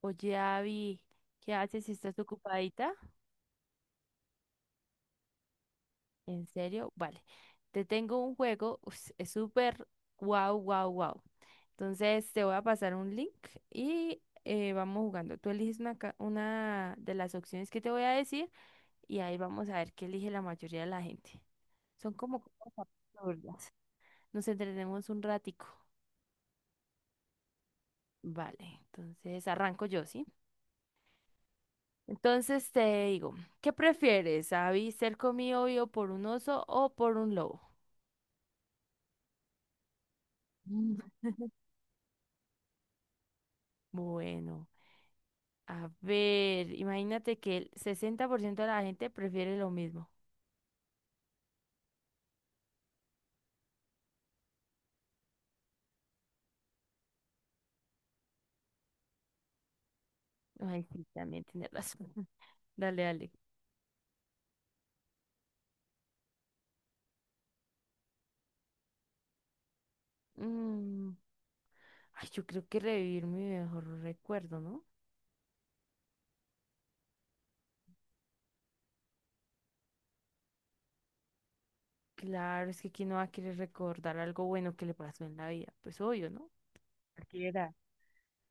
Oye, Abby, ¿qué haces si estás ocupadita? ¿En serio? Vale. Te tengo un juego, ups, es súper wow, wow, wow. Entonces te voy a pasar un link y vamos jugando. Tú eliges una, una de las opciones que te voy a decir y ahí vamos a ver qué elige la mayoría de la gente. Son como cosas absurdas. Nos entretenemos un ratico. Vale, entonces arranco yo, ¿sí? Entonces te digo, ¿qué prefieres, Abby, ser comido vivo por un oso o por un lobo? Mm. Bueno, a ver, imagínate que el 60% de la gente prefiere lo mismo. Ay, sí, también tiene razón. Dale, dale. Mm, ay, yo creo que revivir mi mejor recuerdo, ¿no? Claro, es que quién no va a querer recordar algo bueno que le pasó en la vida. Pues obvio, ¿no? Cualquiera.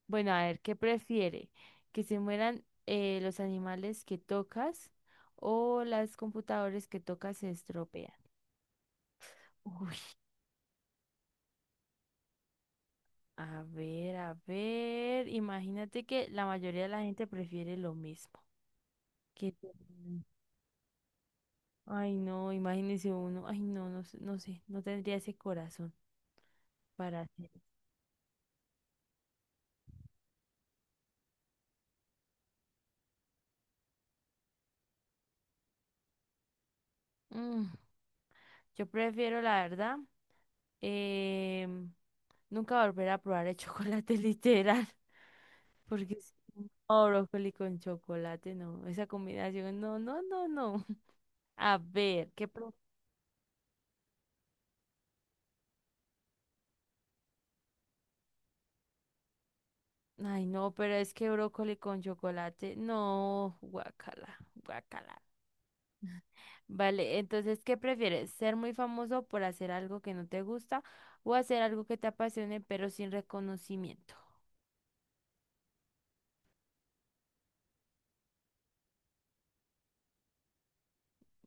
Bueno, a ver, ¿qué prefiere? ¿Que se mueran los animales que tocas o las computadoras que tocas se estropean? Uy, a ver, a ver. Imagínate que la mayoría de la gente prefiere lo mismo. Que te- Ay, no, imagínese uno. Ay, no, no sé, no tendría ese corazón para hacer eso. Mm, yo prefiero, la verdad, em, nunca volver a probar el chocolate literal. Porque si no, brócoli con chocolate, no. Esa combinación, no, no, no, no. A ver, ¿qué pro- Ay, no, pero es que brócoli con chocolate, no, guacala, guacala. Vale, entonces, ¿qué prefieres? ¿Ser muy famoso por hacer algo que no te gusta o hacer algo que te apasione pero sin reconocimiento?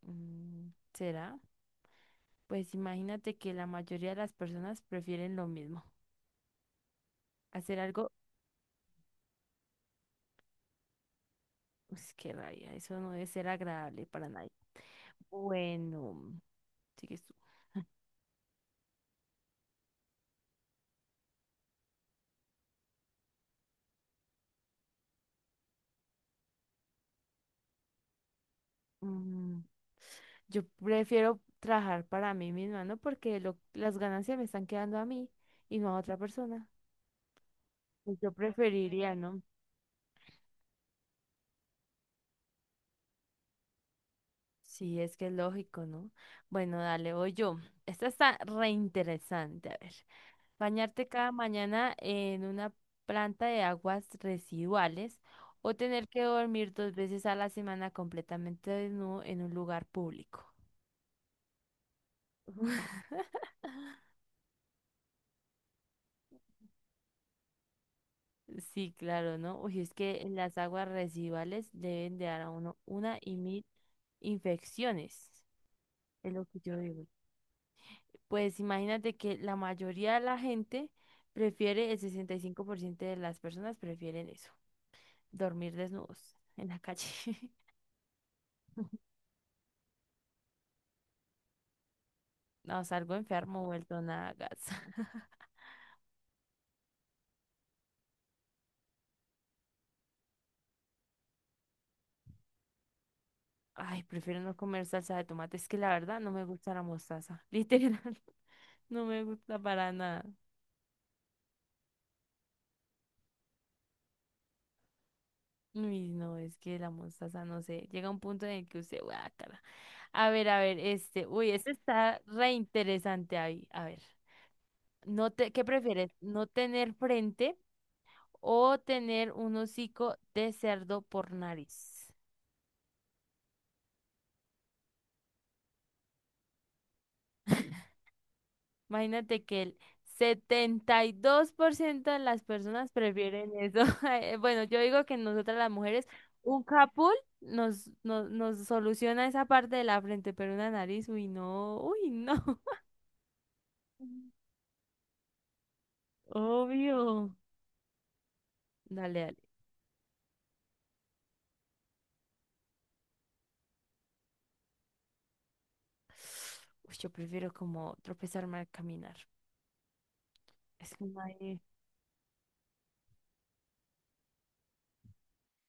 Mm, ¿será? Pues imagínate que la mayoría de las personas prefieren lo mismo, hacer algo. Pues qué rabia, eso no debe ser agradable para nadie. Bueno, sigues tú. Mm, yo prefiero trabajar para mí misma, ¿no? Porque las ganancias me están quedando a mí y no a otra persona. Pues yo preferiría, ¿no? Sí, es que es lógico, ¿no? Bueno, dale, voy yo. Esta está re interesante, a ver. Bañarte cada mañana en una planta de aguas residuales o tener que dormir dos veces a la semana completamente desnudo en un lugar público. Sí, claro, ¿no? Uy, es que las aguas residuales deben de dar a uno una y mil infecciones, es lo que yo digo. Pues imagínate que la mayoría de la gente prefiere, el 65% de las personas prefieren eso, dormir desnudos en la calle. No, salgo enfermo, vuelto nada, gasa. Ay, prefiero no comer salsa de tomate. Es que la verdad no me gusta la mostaza. Literal, no me gusta para nada. Uy, no, es que la mostaza, no sé. Llega un punto en el que usted, guácala. A ver, este. Uy, este está re interesante ahí. A ver. ¿Qué prefieres? ¿No tener frente o tener un hocico de cerdo por nariz? Imagínate que el 72% de las personas prefieren eso. Bueno, yo digo que nosotras las mujeres, un capul nos soluciona esa parte de la frente, pero una nariz, uy, no, uy, no. Obvio. Dale, dale. Uy, yo prefiero como tropezarme al caminar. Es que no hay.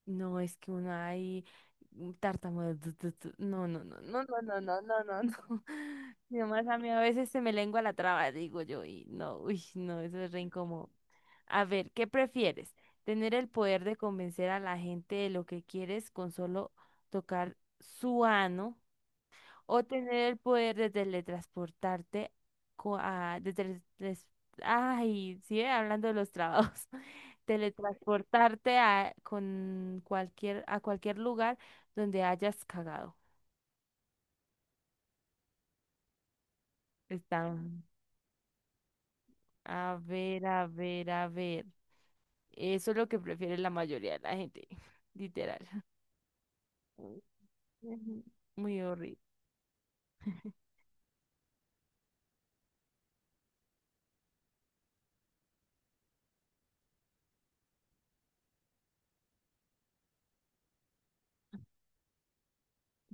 No, es que uno ahí tartamudo. Tu, tu, tu. No, no, no, no, no, no, no, no, no, no. Y nomás a mí a veces se me lengua la traba, digo yo, y no, uy, no, eso es re incómodo. A ver, ¿qué prefieres? ¿Tener el poder de convencer a la gente de lo que quieres con solo tocar su ano? O tener el poder de teletransportarte co- a, de teletras- ay, sigue hablando de los trabajos. Teletransportarte a cualquier lugar donde hayas cagado. Está, a ver, a ver, a ver. Eso es lo que prefiere la mayoría de la gente, literal. Ujú. Muy horrible.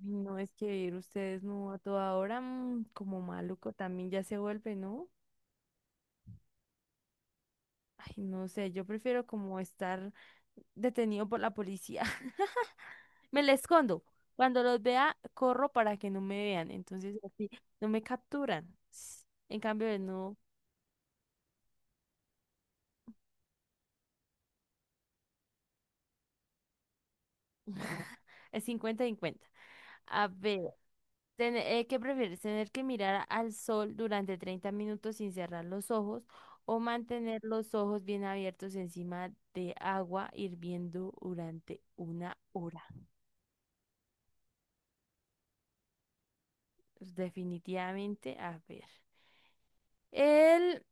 No es que vivir ustedes no a toda hora, como maluco también ya se vuelve, ¿no? Ay, no sé, yo prefiero como estar detenido por la policía. Me la escondo. Cuando los vea, corro para que no me vean. Entonces, así no me capturan. En cambio, de no. Es 50 cincuenta. A ver, ¿qué prefieres? ¿Tener que mirar al sol durante 30 minutos sin cerrar los ojos o mantener los ojos bien abiertos encima de agua hirviendo durante una hora? Pues, definitivamente, a ver. El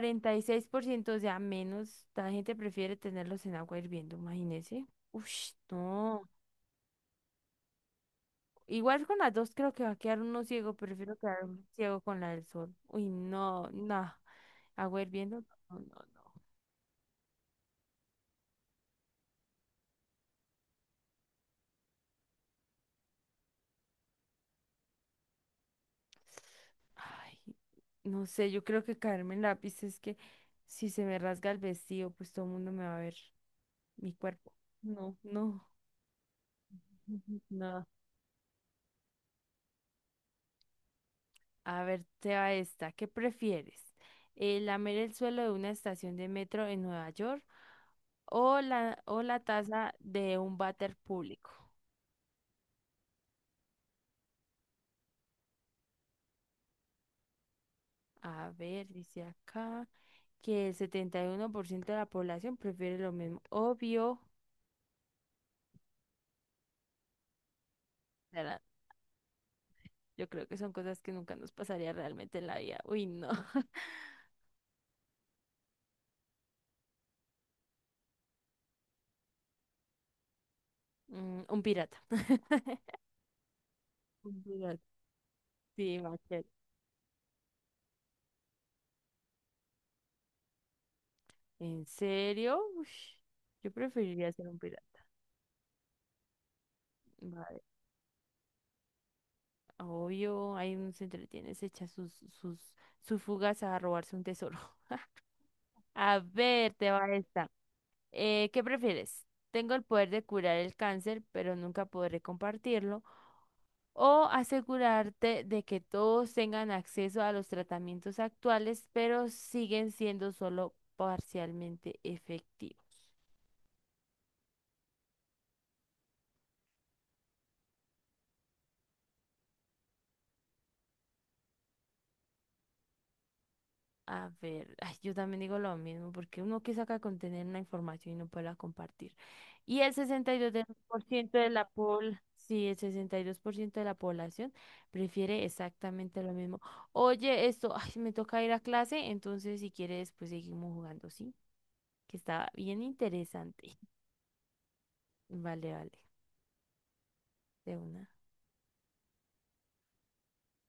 46%, o sea, menos, la gente prefiere tenerlos en agua hirviendo, imagínese. Ush, no. Igual con las dos creo que va a quedar uno ciego, prefiero quedar ciego con la del sol. Uy, no, no. Agua hirviendo, no, no, no. Ay, no sé, yo creo que caerme en lápiz es que si se me rasga el vestido, pues todo el mundo me va a ver mi cuerpo. No, no, no. A ver, te va esta. ¿Qué prefieres? ¿Lamer el suelo de una estación de metro en Nueva York o la taza de un váter público? A ver, dice acá que el 71% de la población prefiere lo mismo. Obvio, ¿verdad? Yo creo que son cosas que nunca nos pasaría realmente en la vida. Uy, no. Mm, un pirata. Un pirata. Sí, va a ser. ¿En serio? Ush, yo preferiría ser un pirata. Obvio, ahí uno se entretiene, se echa sus fugas a robarse un tesoro. A ver, te va esta. ¿Qué prefieres? Tengo el poder de curar el cáncer, pero nunca podré compartirlo. O asegurarte de que todos tengan acceso a los tratamientos actuales, pero siguen siendo solo parcialmente efectivos. A ver, ay, yo también digo lo mismo, porque uno que saca con tener una información y no puede compartir. Y el 62% de por ciento de la sí, el 62% de la población prefiere exactamente lo mismo. Oye, esto, ay, me toca ir a clase, entonces si quieres, pues seguimos jugando, ¿sí? Que está bien interesante. Vale, vale, de una.